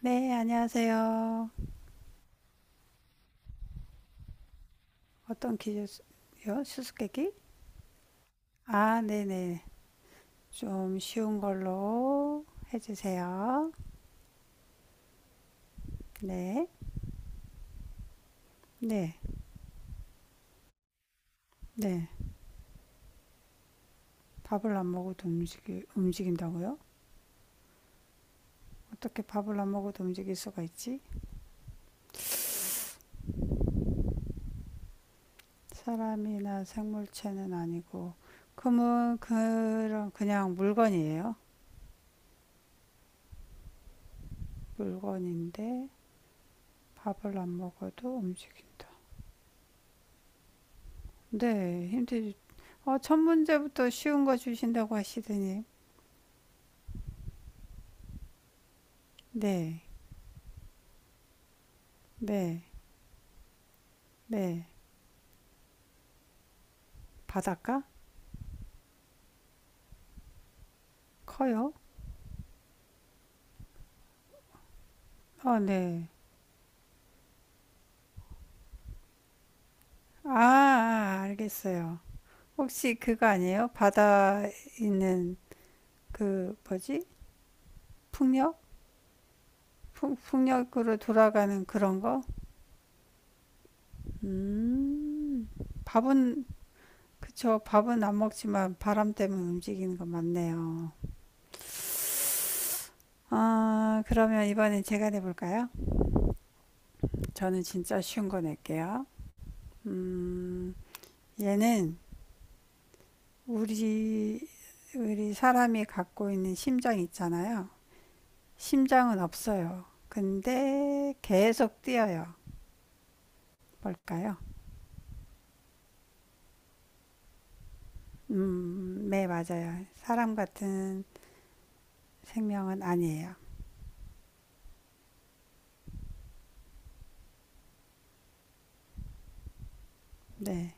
네, 안녕하세요. 어떤 퀴즈요? 수수께끼? 아, 네네. 좀 쉬운 걸로 해주세요. 네, 네, 네. 밥을 안 먹어도 움직인다고요? 어떻게 밥을 안 먹어도 움직일 수가 있지? 사람이나 생물체는 아니고, 그러면 그런 그냥 물건이에요. 물건인데 밥을 안 먹어도 움직인다. 네, 힘들지. 첫 문제부터 쉬운 거 주신다고 하시더니. 네, 네, 네. 바닷가? 커요? 어, 네. 알겠어요. 혹시 그거 아니에요? 바다 있는 그 뭐지? 풍력? 풍력으로 돌아가는 그런 거? 음, 밥은. 그쵸. 밥은 안 먹지만 바람 때문에 움직이는 거 맞네요. 아, 그러면 이번엔 제가 내볼까요? 저는 진짜 쉬운 거 낼게요. 음, 얘는 우리, 우리 사람이 갖고 있는 심장 있잖아요. 심장은 없어요. 근데 계속 뛰어요. 뭘까요? 네, 맞아요. 사람 같은 생명은 아니에요. 네,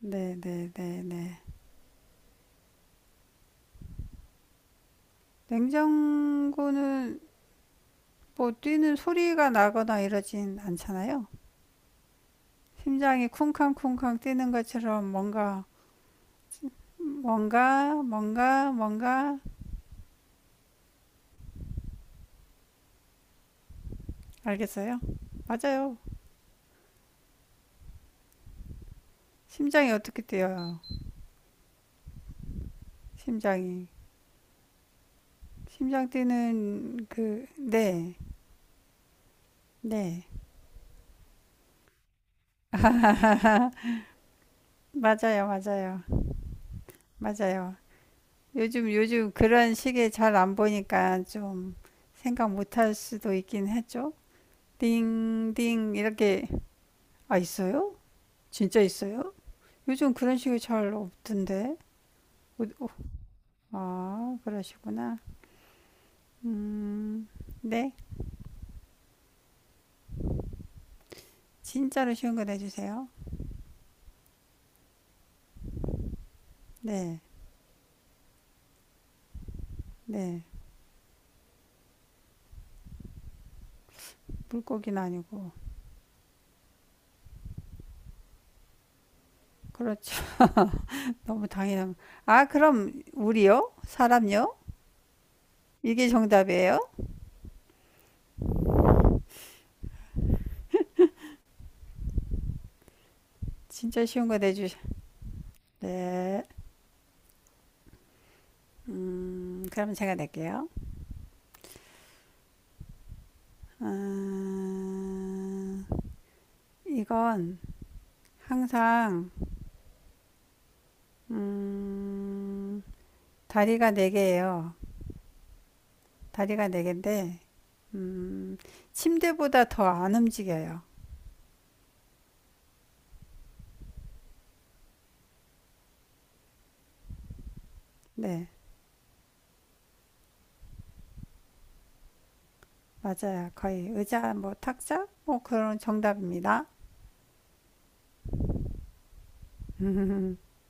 네, 네, 네, 네. 냉장고는 뭐 뛰는 소리가 나거나 이러진 않잖아요. 심장이 쿵쾅쿵쾅 뛰는 것처럼 뭔가, 뭔가, 뭔가, 뭔가. 알겠어요? 맞아요. 심장이 어떻게 뛰어요? 심장이. 심장 뛰는 네, 네. 맞아요, 맞아요, 맞아요. 요즘 그런 시계 잘 안 보니까 좀 생각 못 할 수도 있긴 했죠. 딩, 딩, 이렇게. 아, 있어요? 진짜 있어요? 요즘 그런 시계 잘 없던데. 어디- 어, 아, 그러시구나. 음, 네. 진짜로 쉬운 거 내주세요. 네, 네. 물고기는 아니고. 그렇죠. 너무 당연한. 아, 그럼 우리요? 사람요? 이게 정답이에요? 진짜 쉬운 거 내주셔. 네. 그럼 제가 낼게요. 음, 이건 항상 다리가 4개예요. 다리가 4개인데, 음, 침대보다 더 안 움직여요. 네, 맞아요. 거의 의자, 뭐 탁자, 뭐 그런 정답입니다.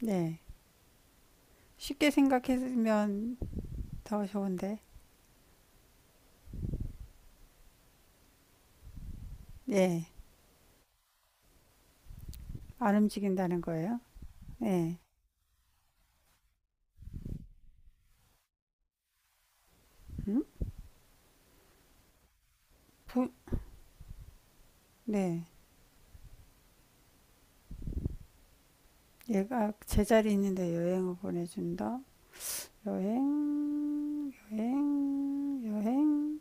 네, 쉽게 생각했으면 더 좋은데. 예. 안 움직인다는 거예요? 네. 부, 네. 얘가 제자리 있는데 여행을 보내준다. 여행, 여행, 여행.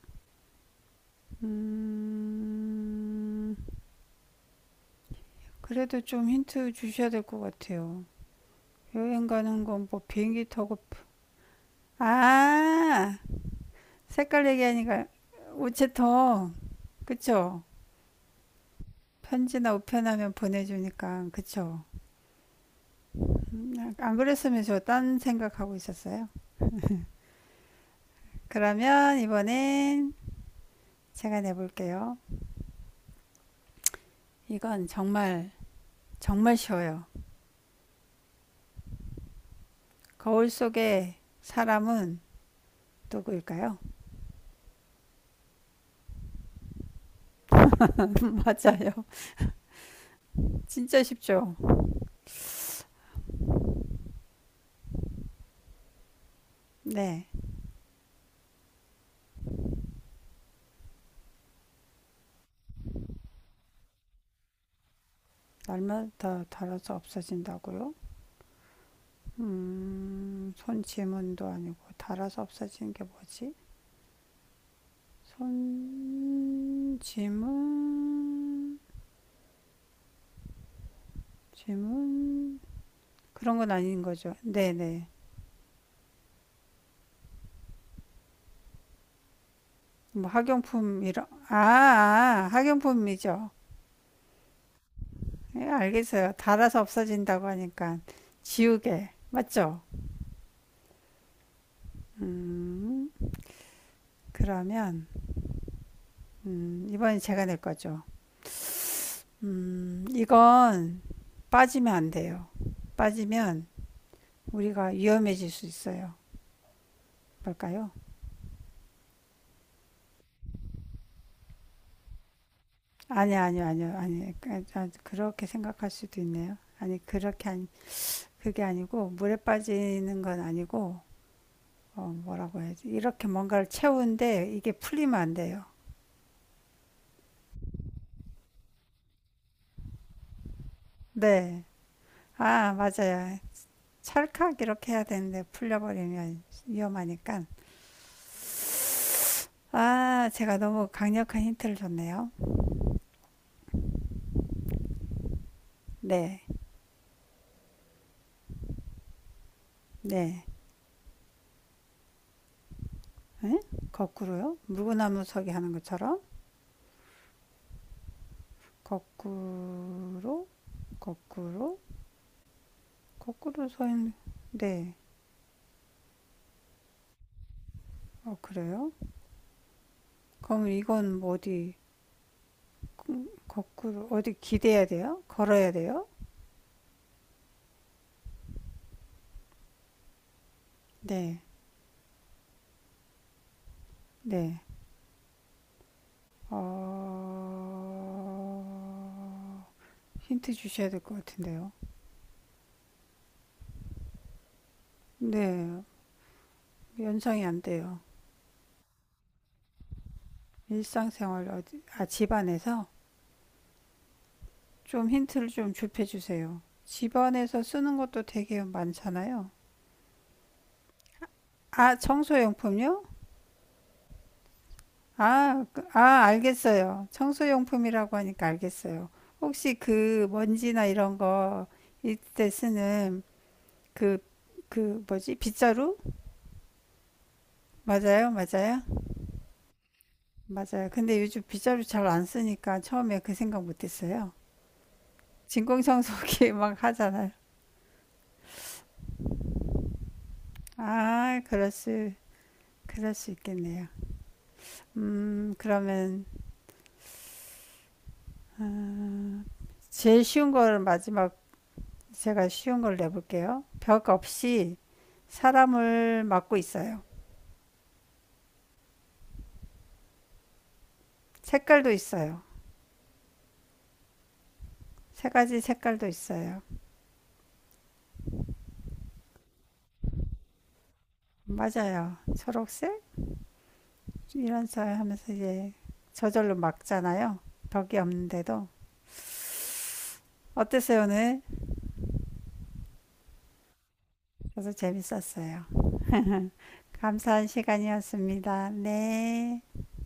음, 그래도 좀 힌트 주셔야 될 것 같아요. 여행 가는 건 뭐 비행기 타고. 아, 색깔 얘기하니까 우체통. 그쵸? 편지나 우편하면 보내주니까. 그쵸? 안 그랬으면 저 딴 생각하고 있었어요. 그러면 이번엔 제가 내볼게요. 이건 정말 정말 쉬워요. 거울 속의 사람은 누구일까요? 맞아요. 진짜 쉽죠? 네. 날마다 다 달아서 없어진다고요? 손 지문도 아니고 달아서 없어지는 게 뭐지? 손 지문. 지문 그런 건 아닌 거죠. 네네. 뭐 학용품 이런. 아 학용품이죠. 예, 알겠어요. 달아서 없어진다고 하니까 지우개 맞죠? 음, 그러면. 이번엔 제가 낼 거죠. 이건 빠지면 안 돼요. 빠지면 우리가 위험해질 수 있어요. 볼까요. 아니, 아니요, 아니요, 아니 요 그렇게 생각할 수도 있네요. 아니 그렇게 아니. 그게 아니고 물에 빠지는 건 아니고, 뭐라고 해야지, 이렇게 뭔가를 채우는데 이게 풀리면 안 돼요. 네. 아, 맞아요. 찰칵 이렇게 해야 되는데 풀려버리면 위험하니까. 아, 제가 너무 강력한 힌트를 줬네요. 네, 네. 응? 거꾸로요? 물구나무 서기 하는 것처럼? 거꾸로, 거꾸로, 거꾸로 서 있는. 네. 어, 그래요? 그럼 이건 뭐 어디, 거꾸로, 어디 기대야 돼요? 걸어야 돼요? 네, 네. 어, 힌트 주셔야 될 것 같은데요. 네, 연상이 안 돼요. 일상생활 어디, 아, 집안에서. 좀 힌트를 좀 좁혀주세요. 집안에서 쓰는 것도 되게 많잖아요. 아, 청소용품요? 아, 알겠어요. 청소용품이라고 하니까 알겠어요. 혹시 그 먼지나 이런 거 이때 쓰는 그, 뭐지? 빗자루? 맞아요, 맞아요, 맞아요. 근데 요즘 빗자루 잘 안 쓰니까 처음에 그 생각 못 했어요. 진공청소기 막 하잖아요. 아, 그렇스. 그럴 수 있겠네요. 그러면 제일 쉬운 걸 마지막. 제가 쉬운 걸 내볼게요. 벽 없이 사람을 막고 있어요. 색깔도 있어요. 3가지 색깔도 있어요. 맞아요. 초록색? 이런 사 하면서 이제 저절로 막잖아요. 벽이 없는데도. 어땠어요, 오늘? 저도 재밌었어요. 감사한 시간이었습니다. 네.